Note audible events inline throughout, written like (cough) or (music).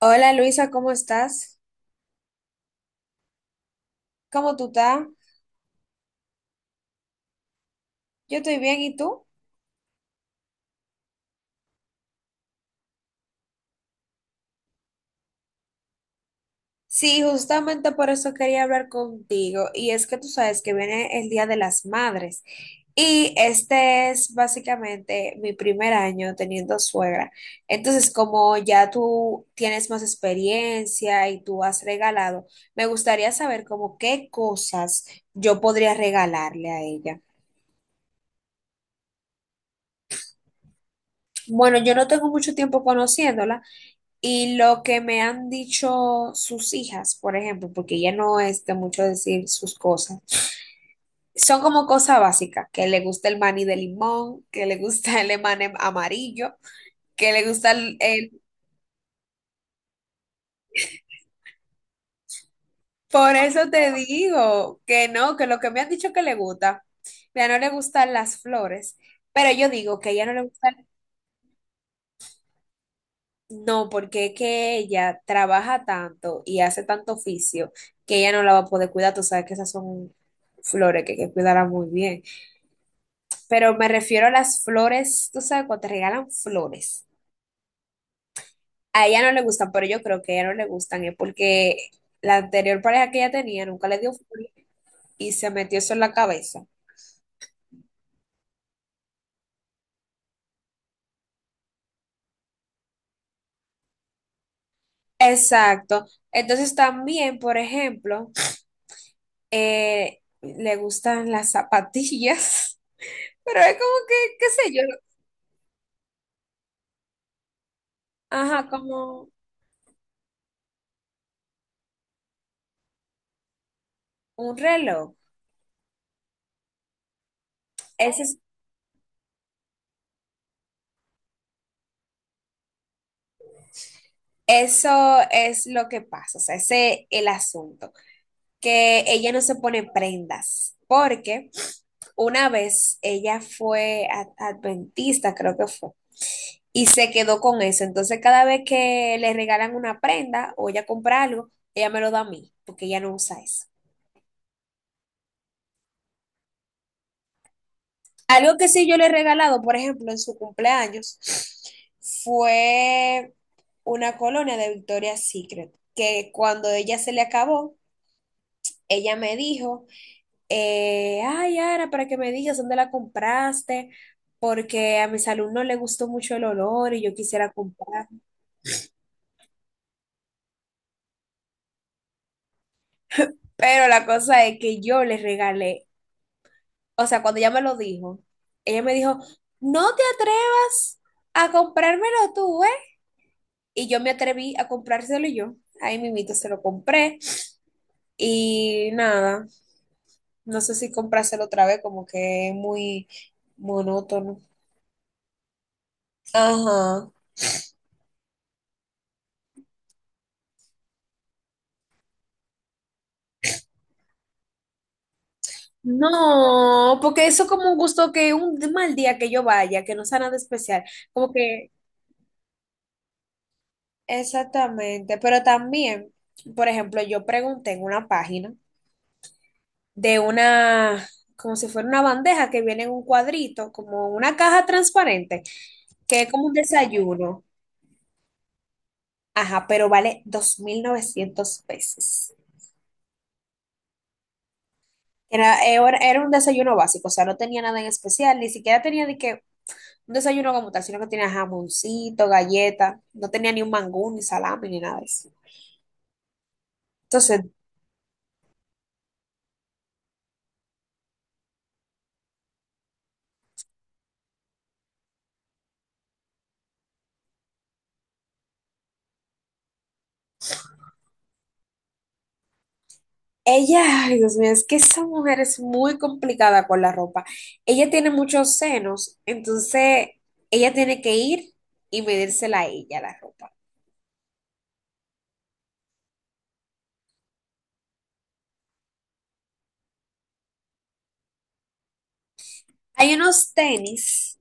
Hola Luisa, ¿cómo estás? ¿Cómo tú estás? Yo estoy bien, ¿y tú? Sí, justamente por eso quería hablar contigo. Y es que tú sabes que viene el Día de las Madres. Y este es básicamente mi primer año teniendo suegra. Entonces, como ya tú tienes más experiencia y tú has regalado, me gustaría saber como qué cosas yo podría regalarle a ella. Bueno, yo no tengo mucho tiempo conociéndola. Y lo que me han dicho sus hijas, por ejemplo, porque ella no es de mucho decir sus cosas, son como cosas básicas, que le gusta el maní de limón, que le gusta el emanem amarillo, que le gusta el Por eso te digo que no, que lo que me han dicho que le gusta, mira, no le gustan las flores, pero yo digo que a ella no le gusta, no, porque es que ella trabaja tanto y hace tanto oficio que ella no la va a poder cuidar, tú sabes que esas son flores que hay que cuidarla muy bien. Pero me refiero a las flores, tú sabes, cuando te regalan flores. A ella no le gustan, pero yo creo que a ella no le gustan, es porque la anterior pareja que ella tenía nunca le dio flores y se metió eso en la cabeza. Exacto. Entonces también, por ejemplo, le gustan las zapatillas, (laughs) pero es como que, qué sé yo, ajá, como un reloj. Ese es- Eso es lo que pasa, o sea, ese es el asunto, que ella no se pone prendas, porque una vez ella fue adventista, creo que fue, y se quedó con eso. Entonces, cada vez que le regalan una prenda o ella compra algo, ella me lo da a mí, porque ella no usa eso. Algo que sí yo le he regalado, por ejemplo, en su cumpleaños, fue una colonia de Victoria's Secret, que cuando ella se le acabó, ella me dijo ay, Ara, para que me digas dónde la compraste, porque a mis alumnos les gustó mucho el olor y yo quisiera comprar. Pero la cosa es que yo les regalé, o sea, cuando ella me lo dijo, ella me dijo, no te atrevas a comprármelo tú, ¿eh? Y yo me atreví a comprárselo yo. Ahí mimito se lo compré. Y nada, no sé si comprárselo otra vez, como que es muy monótono. Ajá. No, porque eso es como un gusto que un mal día que yo vaya, que no sea nada especial, como que exactamente, pero también, por ejemplo, yo pregunté en una página de una, como si fuera una bandeja que viene en un cuadrito, como una caja transparente, que es como un desayuno, ajá, pero vale 2900 pesos. Era un desayuno básico, o sea, no tenía nada en especial, ni siquiera tenía de que un desayuno como tal, sino que tenía jamoncito, galleta, no tenía ni un mangú, ni salami, ni nada de eso. Entonces, ella, ay, Dios mío, es que esa mujer es muy complicada con la ropa. Ella tiene muchos senos, entonces ella tiene que ir y medírsela a ella la ropa. Hay unos tenis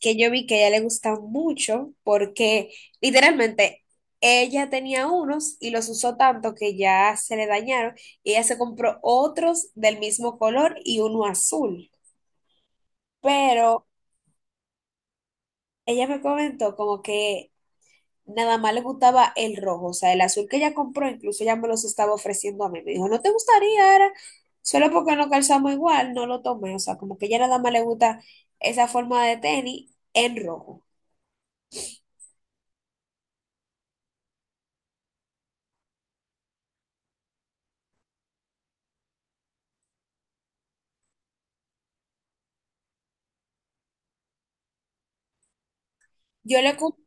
que yo vi que a ella le gustan mucho porque literalmente ella tenía unos y los usó tanto que ya se le dañaron y ella se compró otros del mismo color y uno azul. Pero ella me comentó como que nada más le gustaba el rojo, o sea, el azul que ella compró, incluso ella me los estaba ofreciendo a mí. Me dijo, ¿no te gustaría? Era solo porque no calzamos igual, no lo tomé, o sea, como que ella nada más le gusta esa forma de tenis en rojo. Yo le comp-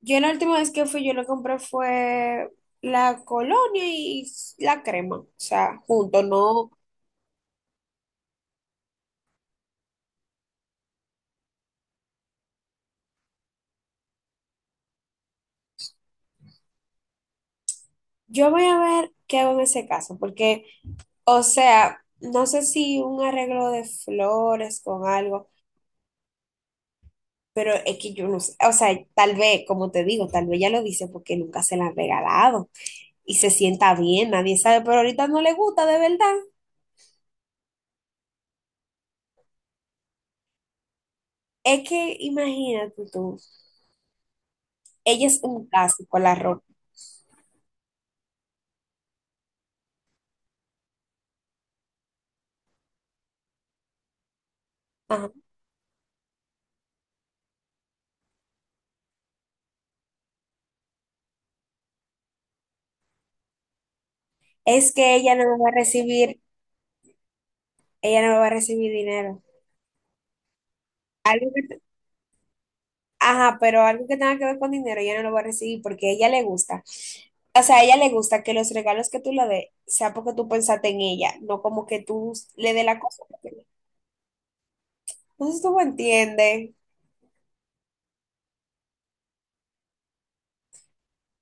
yo la última vez que fui, yo le compré fue la colonia y la crema, o sea, juntos, no. Yo voy a ver qué hago en ese caso, porque, o sea, no sé si un arreglo de flores con algo, pero es que yo no sé, o sea, tal vez, como te digo, tal vez ya lo dice porque nunca se la han regalado y se sienta bien, nadie sabe, pero ahorita no le gusta de verdad. Es que imagínate tú, ella es un clásico, la ropa. Ajá. Es que ella no me va a recibir, ella no me va a recibir dinero. Algo que, ajá, pero algo que tenga que ver con dinero, ella no lo va a recibir porque a ella le gusta. O sea, a ella le gusta que los regalos que tú le des sea porque tú pensaste en ella, no como que tú le des la cosa. Porque... No sé si tú me entiendes.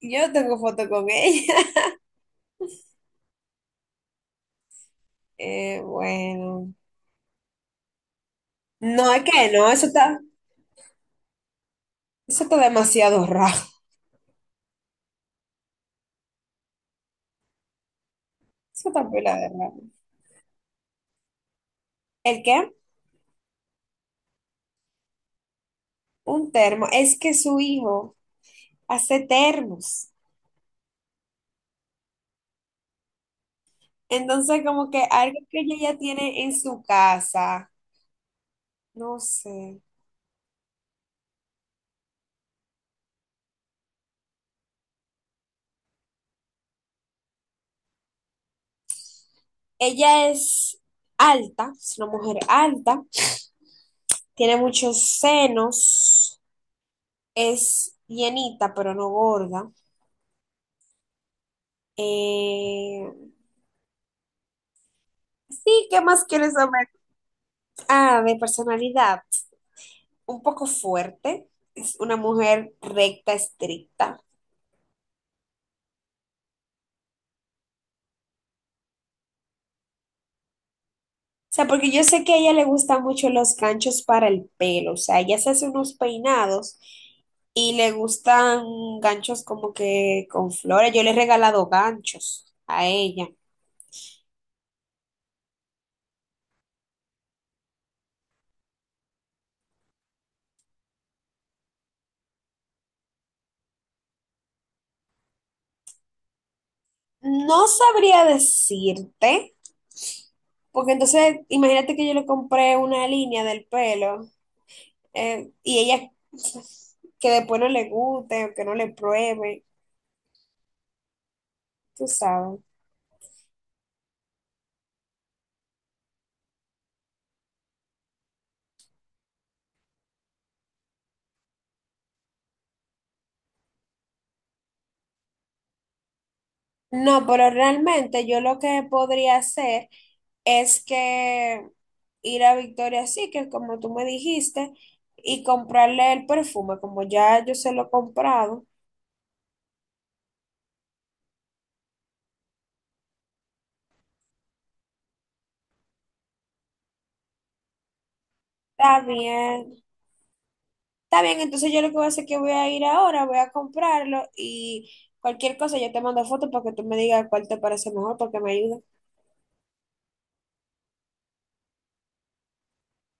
Yo tengo foto con ella. (laughs) Bueno. No, es que no, eso está demasiado raro. Eso está pela de raro. ¿El qué? Un termo. Es que su hijo hace termos. Entonces, como que algo que ella ya tiene en su casa, no sé. Ella es alta, es una mujer alta, tiene muchos senos, es llenita, pero no gorda. Eh, sí, ¿qué más quieres saber? Ah, de personalidad, un poco fuerte, es una mujer recta, estricta. O sea, porque yo sé que a ella le gustan mucho los ganchos para el pelo, o sea, ella se hace unos peinados y le gustan ganchos como que con flores. Yo le he regalado ganchos a ella. No sabría decirte, porque entonces imagínate que yo le compré una línea del pelo y ella (laughs) que después no le guste o que no le pruebe, tú sabes. No, pero realmente yo lo que podría hacer es que ir a Victoria Secret, como tú me dijiste, y comprarle el perfume, como ya yo se lo he comprado. Está bien, está bien, entonces yo lo que voy a hacer es que voy a ir ahora, voy a comprarlo y cualquier cosa yo te mando fotos para que tú me digas cuál te parece mejor, porque me ayuda.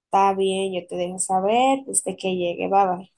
Está bien, yo te dejo saber desde que llegue, bye bye.